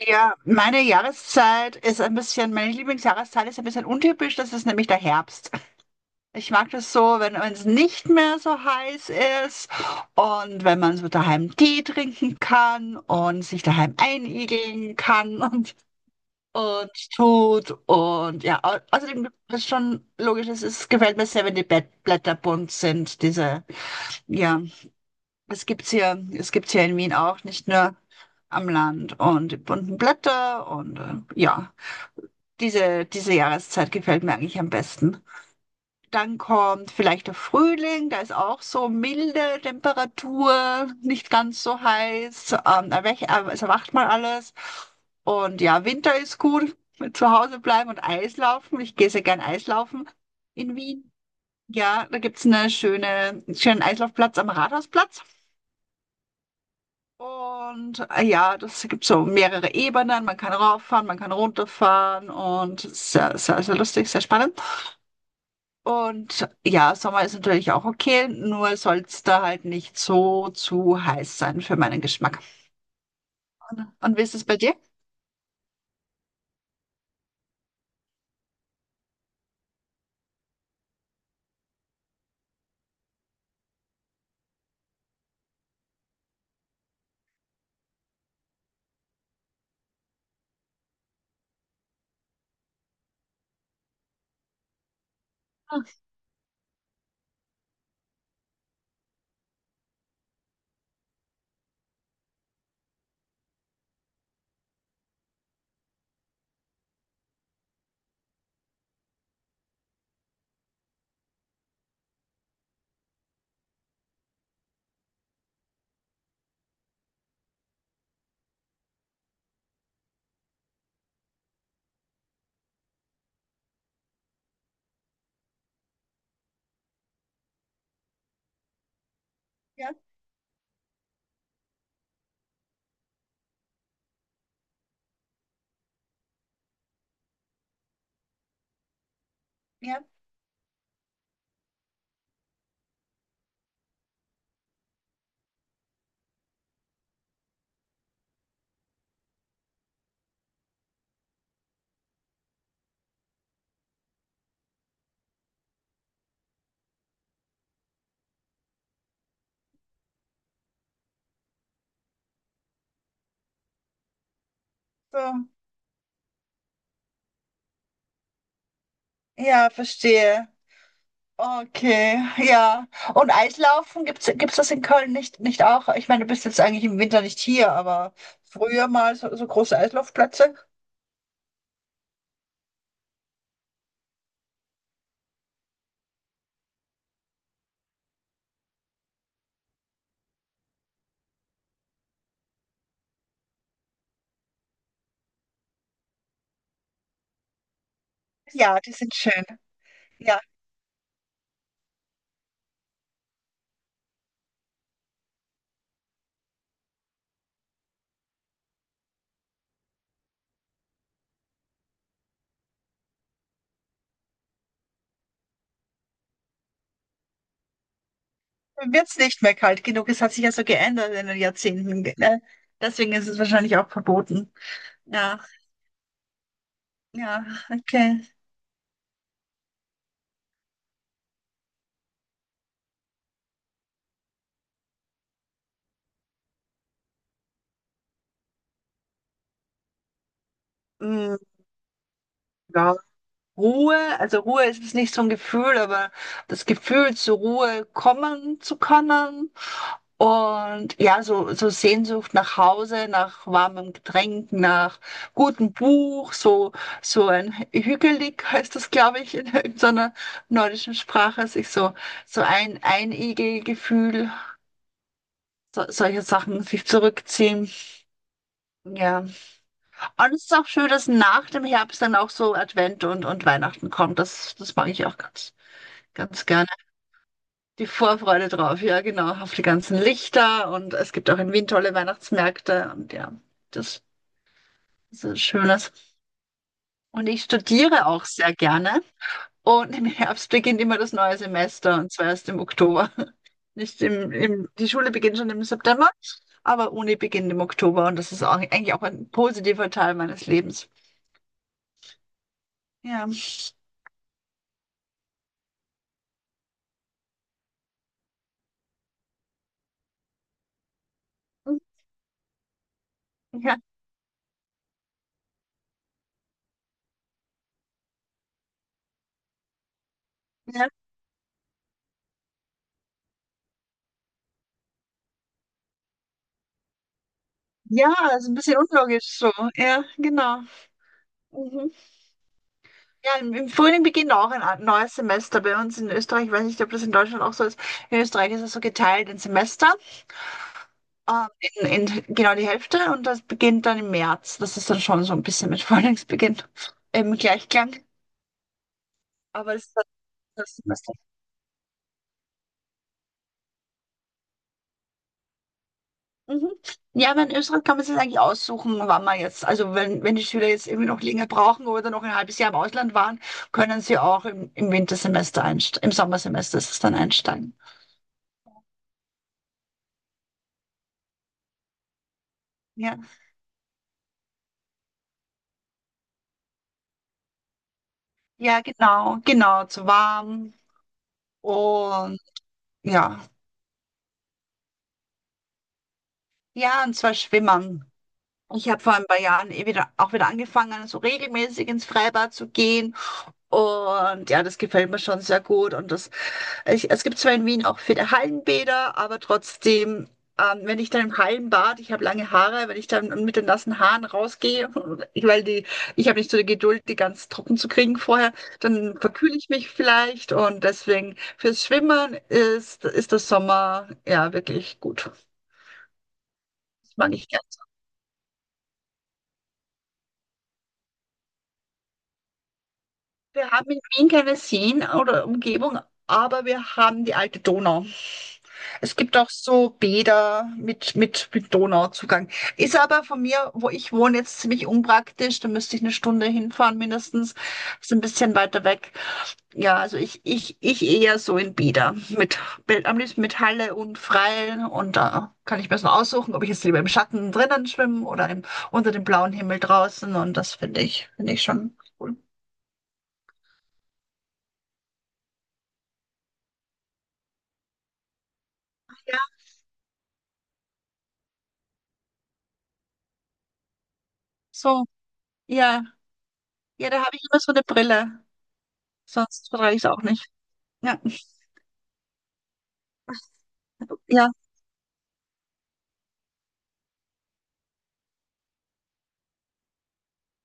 Ja, meine Jahreszeit ist ein bisschen, meine Lieblingsjahreszeit ist ein bisschen untypisch, das ist nämlich der Herbst. Ich mag das so, wenn es nicht mehr so heiß ist und wenn man so daheim Tee trinken kann und sich daheim einigeln kann und tut. Und ja, außerdem ist schon logisch, gefällt mir sehr, wenn die Blätter bunt sind. Diese, ja, es gibt's hier in Wien auch, nicht nur am Land und die bunten Blätter und ja. Diese Jahreszeit gefällt mir eigentlich am besten. Dann kommt vielleicht der Frühling, da ist auch so milde Temperatur, nicht ganz so heiß. Es erwacht mal alles. Und ja, Winter ist gut, zu Hause bleiben und Eislaufen. Ich gehe sehr gern Eislaufen in Wien. Ja, da gibt's eine schöne, einen schönen Eislaufplatz am Rathausplatz. Und ja, das gibt so mehrere Ebenen. Man kann rauffahren, man kann runterfahren und sehr, sehr, sehr lustig, sehr spannend. Und ja, Sommer ist natürlich auch okay, nur soll es da halt nicht so zu heiß sein für meinen Geschmack. Und wie ist es bei dir? Ja, ja, so. Ja, verstehe. Okay, ja. Und Eislaufen, gibt's das in Köln nicht auch? Ich meine, du bist jetzt eigentlich im Winter nicht hier, aber früher mal so, so große Eislaufplätze. Ja, die sind schön. Ja, dann wird's nicht mehr kalt genug. Es hat sich ja so geändert in den Jahrzehnten. Ne? Deswegen ist es wahrscheinlich auch verboten. Ja. Ja, okay. Mm, ja. Ruhe, also Ruhe ist es nicht so ein Gefühl, aber das Gefühl, zur Ruhe kommen zu können. Und ja, so, so Sehnsucht nach Hause, nach warmem Getränk, nach gutem Buch, so, so ein Hügelig heißt das, glaube ich, in irgendeiner nordischen Sprache, sich so, so ein Einigelgefühl, so, solche Sachen, sich zurückziehen. Ja. Und es ist auch schön, dass nach dem Herbst dann auch so Advent und Weihnachten kommt. Das mag ich auch ganz, ganz gerne. Die Vorfreude drauf, ja, genau, auf die ganzen Lichter und es gibt auch in Wien tolle Weihnachtsmärkte und ja, das, das ist Schönes. Und ich studiere auch sehr gerne. Und im Herbst beginnt immer das neue Semester und zwar erst im Oktober. Nicht im, im, Die Schule beginnt schon im September, aber Uni beginnt im Oktober und das ist auch, eigentlich auch ein positiver Teil meines Lebens. Ja. Ja, ja. Ja, ist ein bisschen unlogisch so. Ja, genau. Mhm. Ja, im Frühling beginnt auch ein neues Semester bei uns in Österreich. Ich weiß nicht, ob das in Deutschland auch so ist. In Österreich ist es so geteilt in Semester, ähm, in genau die Hälfte und das beginnt dann im März. Das ist dann schon so ein bisschen mit Frühlingsbeginn im Gleichklang. Aber das ist dann das Semester. Mhm. Ja, aber in Österreich kann man sich eigentlich aussuchen, wann man jetzt, also wenn die Schüler jetzt irgendwie noch länger brauchen oder noch ein halbes Jahr im Ausland waren, können sie auch im Wintersemester einsteigen, im Sommersemester ist es dann einsteigen. Ja, ja, genau, genau, zu warm und ja, ja, und zwar schwimmen. Ich habe vor ein paar Jahren eh wieder, auch wieder angefangen, so regelmäßig ins Freibad zu gehen und ja, das gefällt mir schon sehr gut und das. Ich, es gibt zwar in Wien auch viele Hallenbäder, aber trotzdem, wenn ich dann im Hallenbad, ich habe lange Haare, wenn ich dann mit den nassen Haaren rausgehe, weil die, ich habe nicht so die Geduld, die ganz trocken zu kriegen vorher, dann verkühle ich mich vielleicht und deswegen fürs Schwimmen ist, ist der Sommer ja wirklich gut. Das mag ich. Wir haben in Wien keine Seen oder Umgebung, aber wir haben die alte Donau. Es gibt auch so Bäder mit, mit Donauzugang. Ist aber von mir, wo ich wohne, jetzt ziemlich unpraktisch. Da müsste ich eine Stunde hinfahren mindestens. Ist ein bisschen weiter weg. Ja, also ich eher so in Bäder. Am liebsten mit Halle und Freien. Und da kann ich mir so aussuchen, ob ich jetzt lieber im Schatten drinnen schwimme oder im, unter dem blauen Himmel draußen. Und das finde ich schon cool. Ja, so. Ja, ja, da habe ich immer so eine Brille. Sonst vertrage ich es auch nicht. Ja, ja,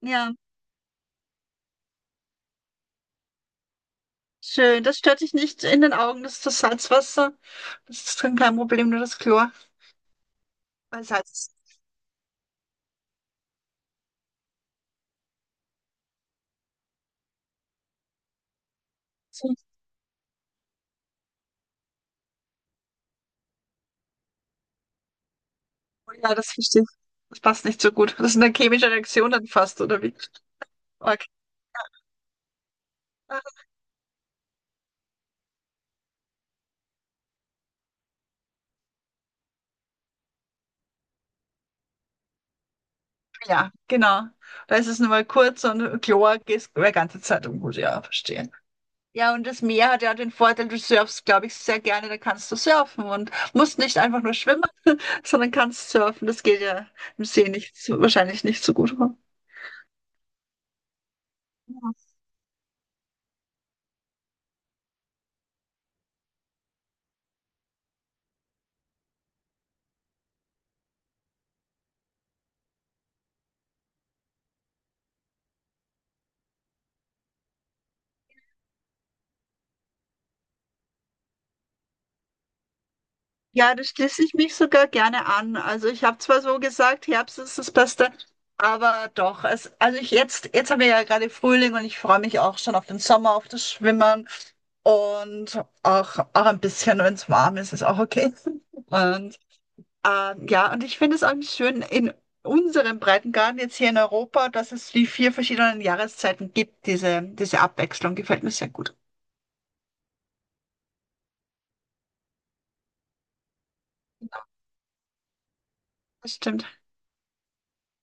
ja. Schön. Das stört dich nicht in den Augen. Das ist das Salzwasser. Das ist kein Problem, nur das Chlor. Weil Salz ist. So. Ja, das verstehe ich. Das passt nicht so gut. Das ist eine chemische Reaktion dann fast, oder wie? Okay. Ah, ja, genau. Da ist es nur mal kurz und Chlor geht die ganze Zeit um. Gut, ja, verstehe. Ja, und das Meer hat ja den Vorteil, du surfst, glaube ich, sehr gerne. Da kannst du surfen und musst nicht einfach nur schwimmen, sondern kannst surfen. Das geht ja im See nicht, so- wahrscheinlich nicht so gut, oder? Ja, da schließe ich mich sogar gerne an. Also ich habe zwar so gesagt, Herbst ist das Beste, aber doch, es, also ich jetzt, jetzt haben wir ja gerade Frühling und ich freue mich auch schon auf den Sommer, auf das Schwimmen und auch, auch ein bisschen, wenn es warm ist, ist auch okay. Und ja, und ich finde es auch schön in unserem Breitengraden jetzt hier in Europa, dass es die vier verschiedenen Jahreszeiten gibt. Diese Abwechslung gefällt mir sehr gut. Das stimmt.